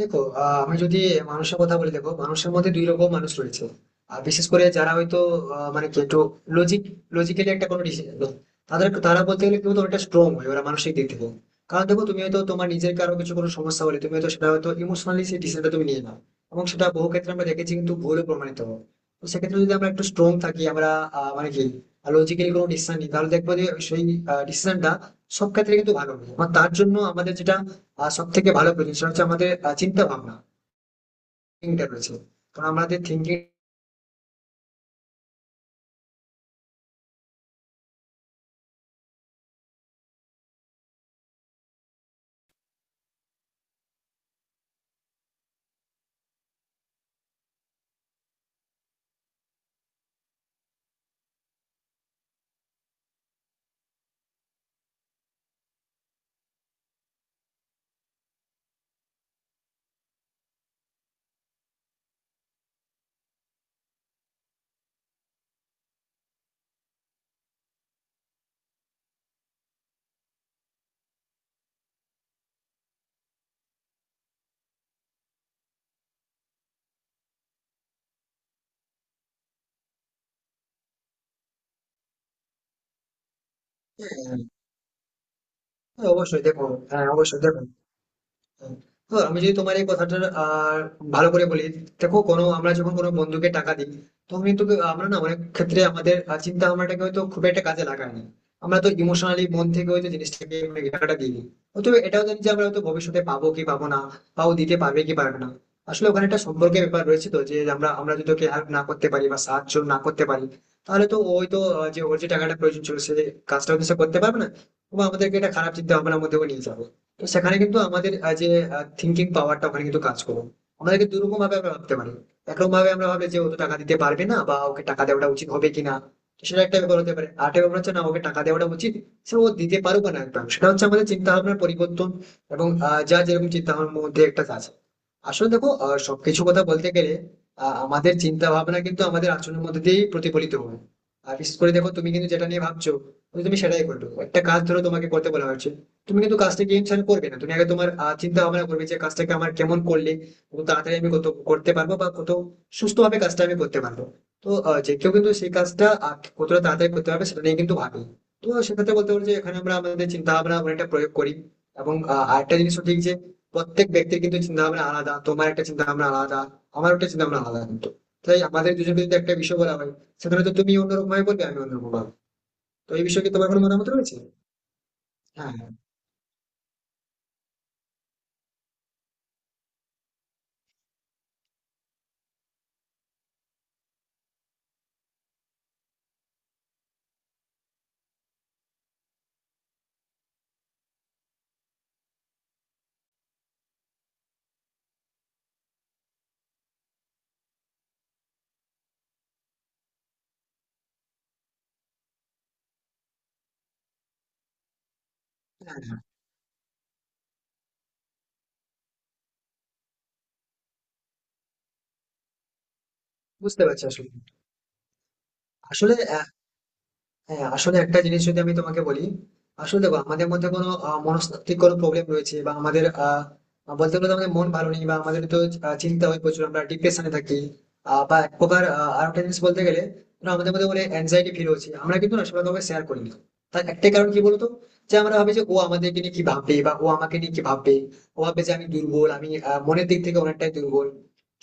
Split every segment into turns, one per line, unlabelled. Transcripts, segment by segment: দেখো, আমি যদি মানুষের কথা বলি। দেখো, মানুষের মধ্যে দুই রকম মানুষ রয়েছে। আর বিশেষ করে যারা হয়তো আহ, মানে কি একটু লজিক লজিক্যালি একটা কোনো ডিসিশন, তারা বলতে গেলে কিন্তু অনেকটা স্ট্রং হয়, ওরা মানসিক দিক থেকে। কারণ দেখো, তুমি হয়তো তোমার নিজের কারো কিছু কোনো সমস্যা হলে তুমি হয়তো সেটা হয়তো ইমোশনালি সেই ডিসিশনটা তুমি নিয়ে নাও, এবং সেটা বহু ক্ষেত্রে আমরা দেখেছি কিন্তু ভুলও প্রমাণিত হয়। তো সেক্ষেত্রে যদি আমরা একটু স্ট্রং থাকি, আমরা আহ, মানে কি লজিক্যালি কোনো ডিসিশন নিই, তাহলে দেখবো যে সেই ডিসিশনটা সব ক্ষেত্রে কিন্তু ভালো হবে। এবং তার জন্য আমাদের যেটা আর সব থেকে ভালো প্রয়োজন, সেটা হচ্ছে আমাদের চিন্তা ভাবনা, থিঙ্কিংটা রয়েছে। কারণ আমাদের থিঙ্কিং। অবশ্যই দেখো। হ্যাঁ, অবশ্যই দেখো। তো আমি যদি তোমার এই কথাটা আর ভালো করে বলি, দেখো, কোনো আমরা যখন কোনো বন্ধুকে টাকা দিই তখন কিন্তু আমরা না, অনেক ক্ষেত্রে আমাদের চিন্তা ভাবনাটাকে হয়তো খুব একটা কাজে লাগাই না। আমরা তো ইমোশনালি মন থেকে হয়তো জিনিসটাকে মানে টাকাটা দিই নি। হয়তো এটাও জানি যে আমরা হয়তো ভবিষ্যতে পাবো কি পাবো না, বা ও দিতে পারবে কি পারবে না। আসলে ওখানে একটা সম্পর্কের ব্যাপার রয়েছে, তো যে আমরা আমরা যদি ওকে হেল্প না করতে পারি বা সাহায্য না করতে পারি, তাহলে তো ও হয়তো যে ওর যে টাকাটা প্রয়োজন ছিল, সে কাজটা হয়তো সে করতে পারবে না, এবং আমাদেরকে এটা খারাপ চিন্তা ভাবনার মধ্যেও নিয়ে যাবে। তো সেখানে কিন্তু আমাদের যে থিঙ্কিং পাওয়ারটা ওখানে কিন্তু কাজ করবে। আমাদেরকে দুরকম ভাবে আমরা ভাবতে পারি। একরকম ভাবে আমরা ভাবে যে ও তো টাকা দিতে পারবে না, বা ওকে টাকা দেওয়াটা উচিত হবে কিনা, তো সেটা একটা ব্যাপার হতে পারে। আর একটা ব্যাপার হচ্ছে, না, ওকে টাকা দেওয়াটা উচিত, সে ও দিতে পারুক বা না, একদম। সেটা হচ্ছে আমাদের চিন্তা ভাবনার পরিবর্তন। এবং যা যেরকম চিন্তা ভাবনার মধ্যে একটা আছে। আসলে দেখো, সবকিছু কথা বলতে গেলে, আমাদের চিন্তা ভাবনা কিন্তু আমাদের আচরণের মধ্যে দিয়েই প্রতিফলিত হয়। আর বিশেষ করে দেখো, তুমি কিন্তু যেটা নিয়ে ভাবছো তুমি তুমি সেটাই করবে। একটা কাজ ধরো তোমাকে করতে বলা হয়েছে, তুমি কিন্তু কাজটাকে টেনশন করবে না, তুমি আগে তোমার চিন্তা ভাবনা করবে যে কাজটাকে আমার কেমন করলে কত তাড়াতাড়ি আমি কত করতে পারবো, বা কত সুস্থভাবে কাজটা আমি করতে পারবো। তো যে কেউ কিন্তু সেই কাজটা কতটা তাড়াতাড়ি করতে পারবে সেটা নিয়ে কিন্তু ভাবি। তো সেক্ষেত্রে বলতে পারি যে এখানে আমরা আমাদের চিন্তা ভাবনা অনেকটা প্রয়োগ করি। এবং আরেকটা জিনিস ঠিক, যে প্রত্যেক ব্যক্তির কিন্তু চিন্তা ভাবনা আলাদা। তোমার একটা চিন্তা ভাবনা আলাদা, আমার একটা চিন্তা ভাবনা আলাদা, কিন্তু তাই আমাদের দুজনকে যদি একটা বিষয় বলা হয়, সেখানে তো তুমি অন্যরকম ভাবে বলবে, আমি অন্যরকম ভাবে। তো এই বিষয়ে কি তোমার কোনো মতামত রয়েছে? হ্যাঁ, হ্যাঁ। হ্যাঁ, হ্যাঁ, বুঝতে পারছি। আসলে, আসলে হ্যাঁ, আসলে একটা জিনিস যদি আমি তোমাকে বলি, আসলে দেখো, আমাদের মধ্যে কোনো মনস্তাত্ত্বিক কোনো প্রবলেম রয়েছে, বা আমাদের বলতে গেলে তো আমাদের মন ভালো নেই, বা আমাদের তো চিন্তা হয় প্রচুর, আমরা ডিপ্রেশনে থাকি, বা এক প্রকার, আর একটা জিনিস বলতে গেলে, ধরো আমাদের মধ্যে বলে অ্যাংজাইটি ফিল হচ্ছে, আমরা কিন্তু না, সবাই কাউকে শেয়ার করি না। তার একটাই কারণ কি বলতো? যে আমরা ভাবি যে ও আমাদেরকে নিয়ে কি ভাববে, বা ও আমাকে নিয়ে কি ভাববে। ও ভাববে যে আমি দুর্বল, আমি মনের দিক থেকে অনেকটাই দুর্বল।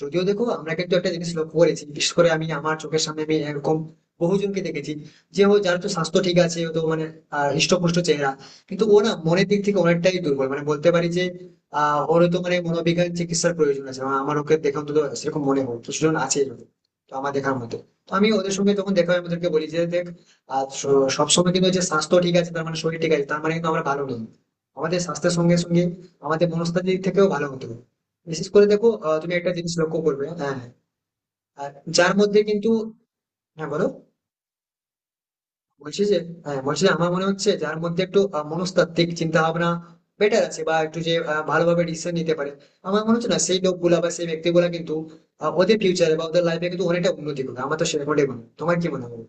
যদিও দেখো, আমরা কিন্তু একটা জিনিস লক্ষ্য করেছি। বিশেষ করে আমি, আমার চোখের সামনে আমি এরকম বহুজনকে দেখেছি, যে ও, যার তো স্বাস্থ্য ঠিক আছে, ও তো মানে হৃষ্টপুষ্ট চেহারা, কিন্তু ও না মনের দিক থেকে অনেকটাই দুর্বল। মানে বলতে পারি যে ওর তো মানে মনোবিজ্ঞান চিকিৎসার প্রয়োজন আছে। আমার ওকে দেখে অন্তত সেরকম মনে হয়। কিছুজন আছে এরকম। তো আমার দেখার মতো, তো আমি ওদের সঙ্গে যখন দেখা হয়, আমি ওদেরকে বলি যে দেখ, সবসময় কিন্তু যে স্বাস্থ্য ঠিক আছে তার মানে শরীর ঠিক আছে, তার মানে কিন্তু আমরা ভালো নেই। আমাদের স্বাস্থ্যের সঙ্গে সঙ্গে আমাদের মনস্তাত্ত্বিক দিক থেকেও ভালো হতে হবে। বিশেষ করে দেখো, তুমি একটা জিনিস লক্ষ্য করবে। হ্যাঁ। আর যার মধ্যে কিন্তু। হ্যাঁ বলো। বলছি যে, হ্যাঁ বলছি যে আমার মনে হচ্ছে যার মধ্যে একটু মনস্তাত্ত্বিক চিন্তা ভাবনা বেটার আছে, বা একটু যে ভালোভাবে ডিসিশন নিতে পারে, আমার মনে হচ্ছে না সেই লোকগুলা বা সেই ব্যক্তিগুলা কিন্তু ওদের ফিউচারে বা ওদের লাইফে কিন্তু অনেকটা উন্নতি করবে। আমার তো সেরকমটাই মনে হয়। তোমার কি মনে হয়?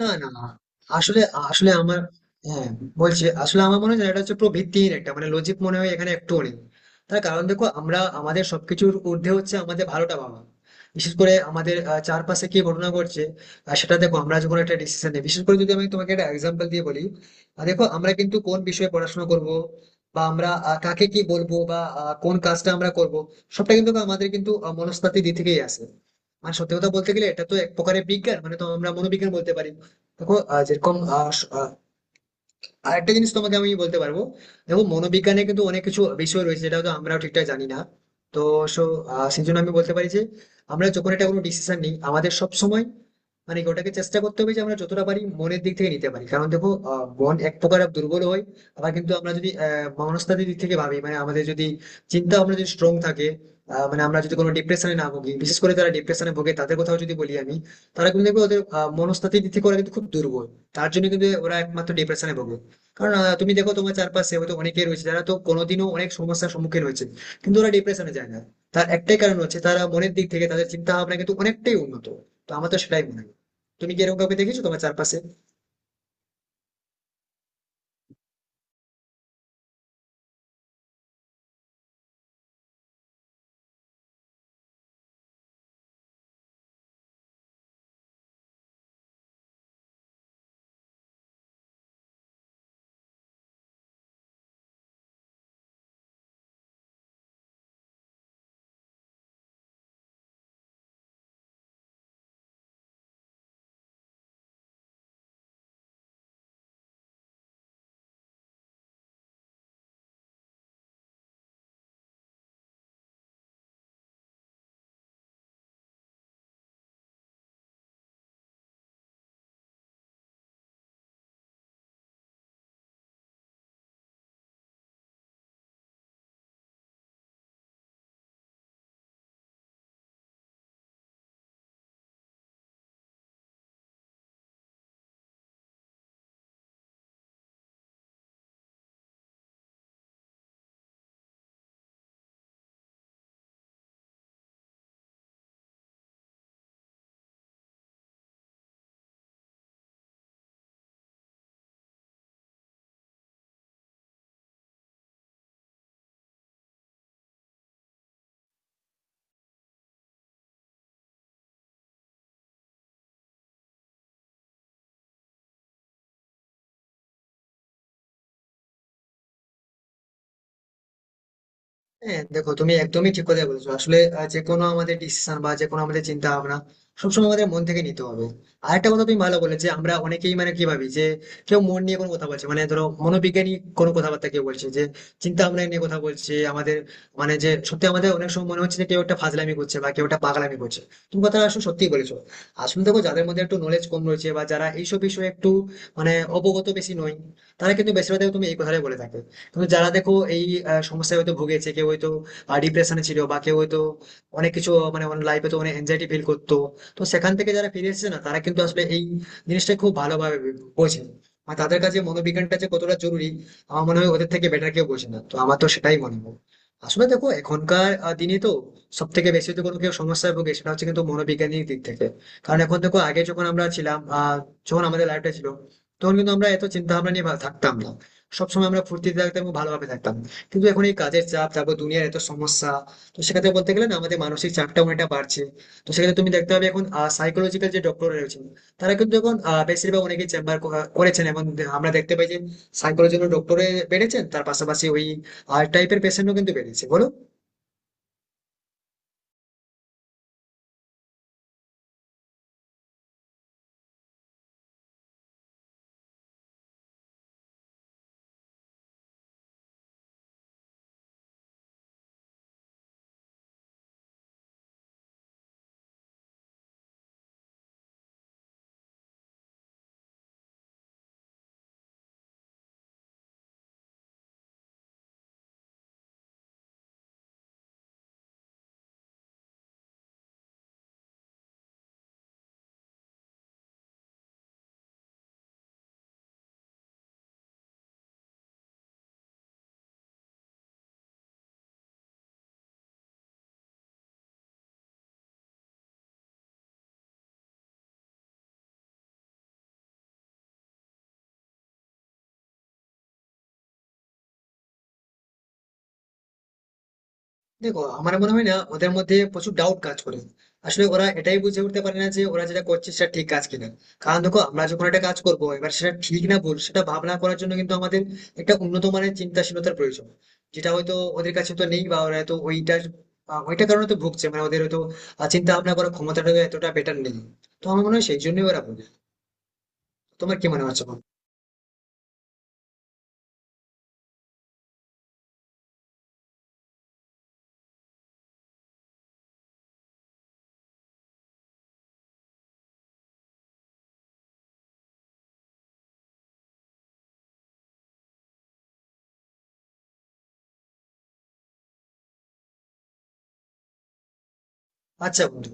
না, না। আসলে, আসলে আমার, হ্যাঁ বলছি, আসলে আমার মনে হয় যে এটা হচ্ছে পুরো ভিত্তিহীন একটা, মানে লজিক মনে হয় এখানে একটু নেই। তার কারণ দেখো, আমরা আমাদের সবকিছুর ঊর্ধ্বে হচ্ছে আমাদের ভালোটা ভাবা, বিশেষ করে আমাদের চারপাশে কি ঘটনা ঘটছে। আর সেটা দেখো, আমরা যখন একটা ডিসিশন নিই, বিশেষ করে যদি আমি তোমাকে একটা এক্সাম্পল দিয়ে বলি, দেখো, আমরা কিন্তু কোন বিষয়ে পড়াশোনা করব, বা আমরা কাকে কি বলবো, বা কোন কাজটা আমরা করব, সবটা কিন্তু আমাদের কিন্তু মনস্তাত্ত্বিক দিক থেকেই আসে। মানে সত্যি কথা বলতে গেলে, এটা তো এক প্রকারের বিজ্ঞান, মানে তো আমরা মনোবিজ্ঞান বলতে পারি। দেখো, আহ, যেরকম আহ, স- আহ, আরেকটা জিনিস তোমাকে আমি বলতে পারবো। দেখো, মনোবিজ্ঞানে কিন্তু অনেক কিছু বিষয় রয়েছে যেটা হয়তো আমরাও ঠিকঠাক জানি না। তো সো সেই জন্য আমি বলতে পারি যে আমরা যখন একটা কোনো ডিসিশন নিই, আমাদের সব সময় মানে কি ওটাকে চেষ্টা করতে হবে যে আমরা যতটা পারি মনের দিক থেকে নিতে পারি, কারণ দেখো, মন এক প্রকার দুর্বল হয়। আবার কিন্তু আমরা যদি মনস্তাত্ত্বিক দিক থেকে ভাবি, মানে আমাদের যদি চিন্তা ভাবনা যদি স্ট্রং থাকে, মানে আমরা যদি কোনো ডিপ্রেশনে না ভুগি, বিশেষ করে যারা ডিপ্রেশনে ভোগে তাদের কথাও যদি বলি আমি, তারা কিন্তু দেখবে ওদের মনস্তাত্ত্বিক দিক থেকে ওরা কিন্তু খুব দুর্বল। তার জন্য কিন্তু ওরা একমাত্র ডিপ্রেশনে ভোগে। কারণ তুমি দেখো, তোমার চারপাশে হয়তো অনেকেই রয়েছে যারা তো কোনোদিনও অনেক সমস্যার সম্মুখীন হয়েছে, কিন্তু ওরা ডিপ্রেশনে যায় না। তার একটাই কারণ হচ্ছে তারা মনের দিক থেকে তাদের চিন্তা ভাবনা কিন্তু অনেকটাই উন্নত। তো আমার তো সেটাই মনে হয়। তুমি কি এরকম কাউকে দেখেছো তোমার চারপাশে? হ্যাঁ, দেখো, তুমি একদমই ঠিক কথা বলেছো। আসলে যে কোনো আমাদের ডিসিশন বা যে কোনো আমাদের চিন্তা ভাবনা সবসময় আমাদের মন থেকে নিতে হবে। আর একটা কথা তুমি ভালো বলে, যে আমরা অনেকেই মানে কি ভাবি যে কেউ মন নিয়ে কোনো কথা বলছে, মানে ধরো মনোবিজ্ঞানী কোনো কথাবার্তা কেউ বলছে, যে চিন্তা ভাবনা নিয়ে কথা বলছে আমাদের, মানে যে সত্যি আমাদের অনেক সময় মনে হচ্ছে যে কেউ একটা ফাজলামি করছে বা কেউ একটা পাগলামি করছে। তুমি কথা আসলে সত্যি বলেছো। আসলে দেখো, যাদের মধ্যে একটু নলেজ কম রয়েছে বা যারা এইসব বিষয়ে একটু মানে অবগত বেশি নয়, তারা কিন্তু বেশিরভাগ তুমি এই কথাটাই বলে থাকে। কিন্তু যারা দেখো এই সমস্যায় হয়তো ভুগেছে, কেউ হয়তো ডিপ্রেশনে ছিল, বা কেউ হয়তো অনেক কিছু মানে লাইফে তো অনেক এনজাইটি ফিল করতো, তো সেখান থেকে যারা ফিরে এসেছে না, তারা কিন্তু আসলে এই জিনিসটা খুব ভালোভাবে বোঝে। আর তাদের কাছে মনোবিজ্ঞানটা যে কতটা জরুরি, আমার মনে হয় ওদের থেকে বেটার কেউ বোঝে না। তো আমার তো সেটাই মনে হয়। আসলে দেখো, এখনকার দিনে তো সব থেকে বেশি যদি কোনো কেউ সমস্যায় ভোগে, সেটা হচ্ছে কিন্তু মনোবিজ্ঞানিক দিক থেকে। কারণ এখন দেখো, আগে যখন আমরা ছিলাম, যখন আমাদের লাইফটা ছিল, তখন কিন্তু আমরা এত চিন্তা ভাবনা নিয়ে থাকতাম না, সবসময় আমরা ফুর্তিতে থাকতাম এবং ভালোভাবে থাকতাম। কিন্তু এখন এই কাজের চাপ, তারপর দুনিয়ার এত সমস্যা, তো সেক্ষেত্রে বলতে গেলে না, আমাদের মানসিক চাপটা অনেকটা বাড়ছে। তো সেক্ষেত্রে তুমি দেখতে পাবে এখন সাইকোলজিক্যাল যে ডক্টর রয়েছেন, তারা কিন্তু এখন বেশিরভাগ অনেকে চেম্বার করেছেন, এবং আমরা দেখতে পাই যে সাইকোলজিক্যাল ডক্টরে বেড়েছেন, তার পাশাপাশি ওই আর্ট টাইপের পেশেন্টও কিন্তু বেড়েছে, বলো। দেখো, আমার মনে হয় না, ওদের মধ্যে প্রচুর ডাউট কাজ করে। আসলে ওরা এটাই বুঝে উঠতে পারে না যে ওরা যেটা করছে সেটা ঠিক কাজ কিনা। কারণ দেখো, আমরা যখন একটা কাজ করবো এবার সেটা ঠিক না ভুল, সেটা ভাবনা করার জন্য কিন্তু আমাদের একটা উন্নত মানের চিন্তাশীলতার প্রয়োজন, যেটা হয়তো ওদের কাছে তো নেই, বা ওরা হয়তো ওইটার কারণে তো ভুগছে। মানে ওদের হয়তো চিন্তা ভাবনা করার ক্ষমতাটা এতটা বেটার নেই। তো আমার মনে হয় সেই জন্যই ওরা ভুল। তোমার কি মনে হচ্ছে বলো? আচ্ছা বন্ধু।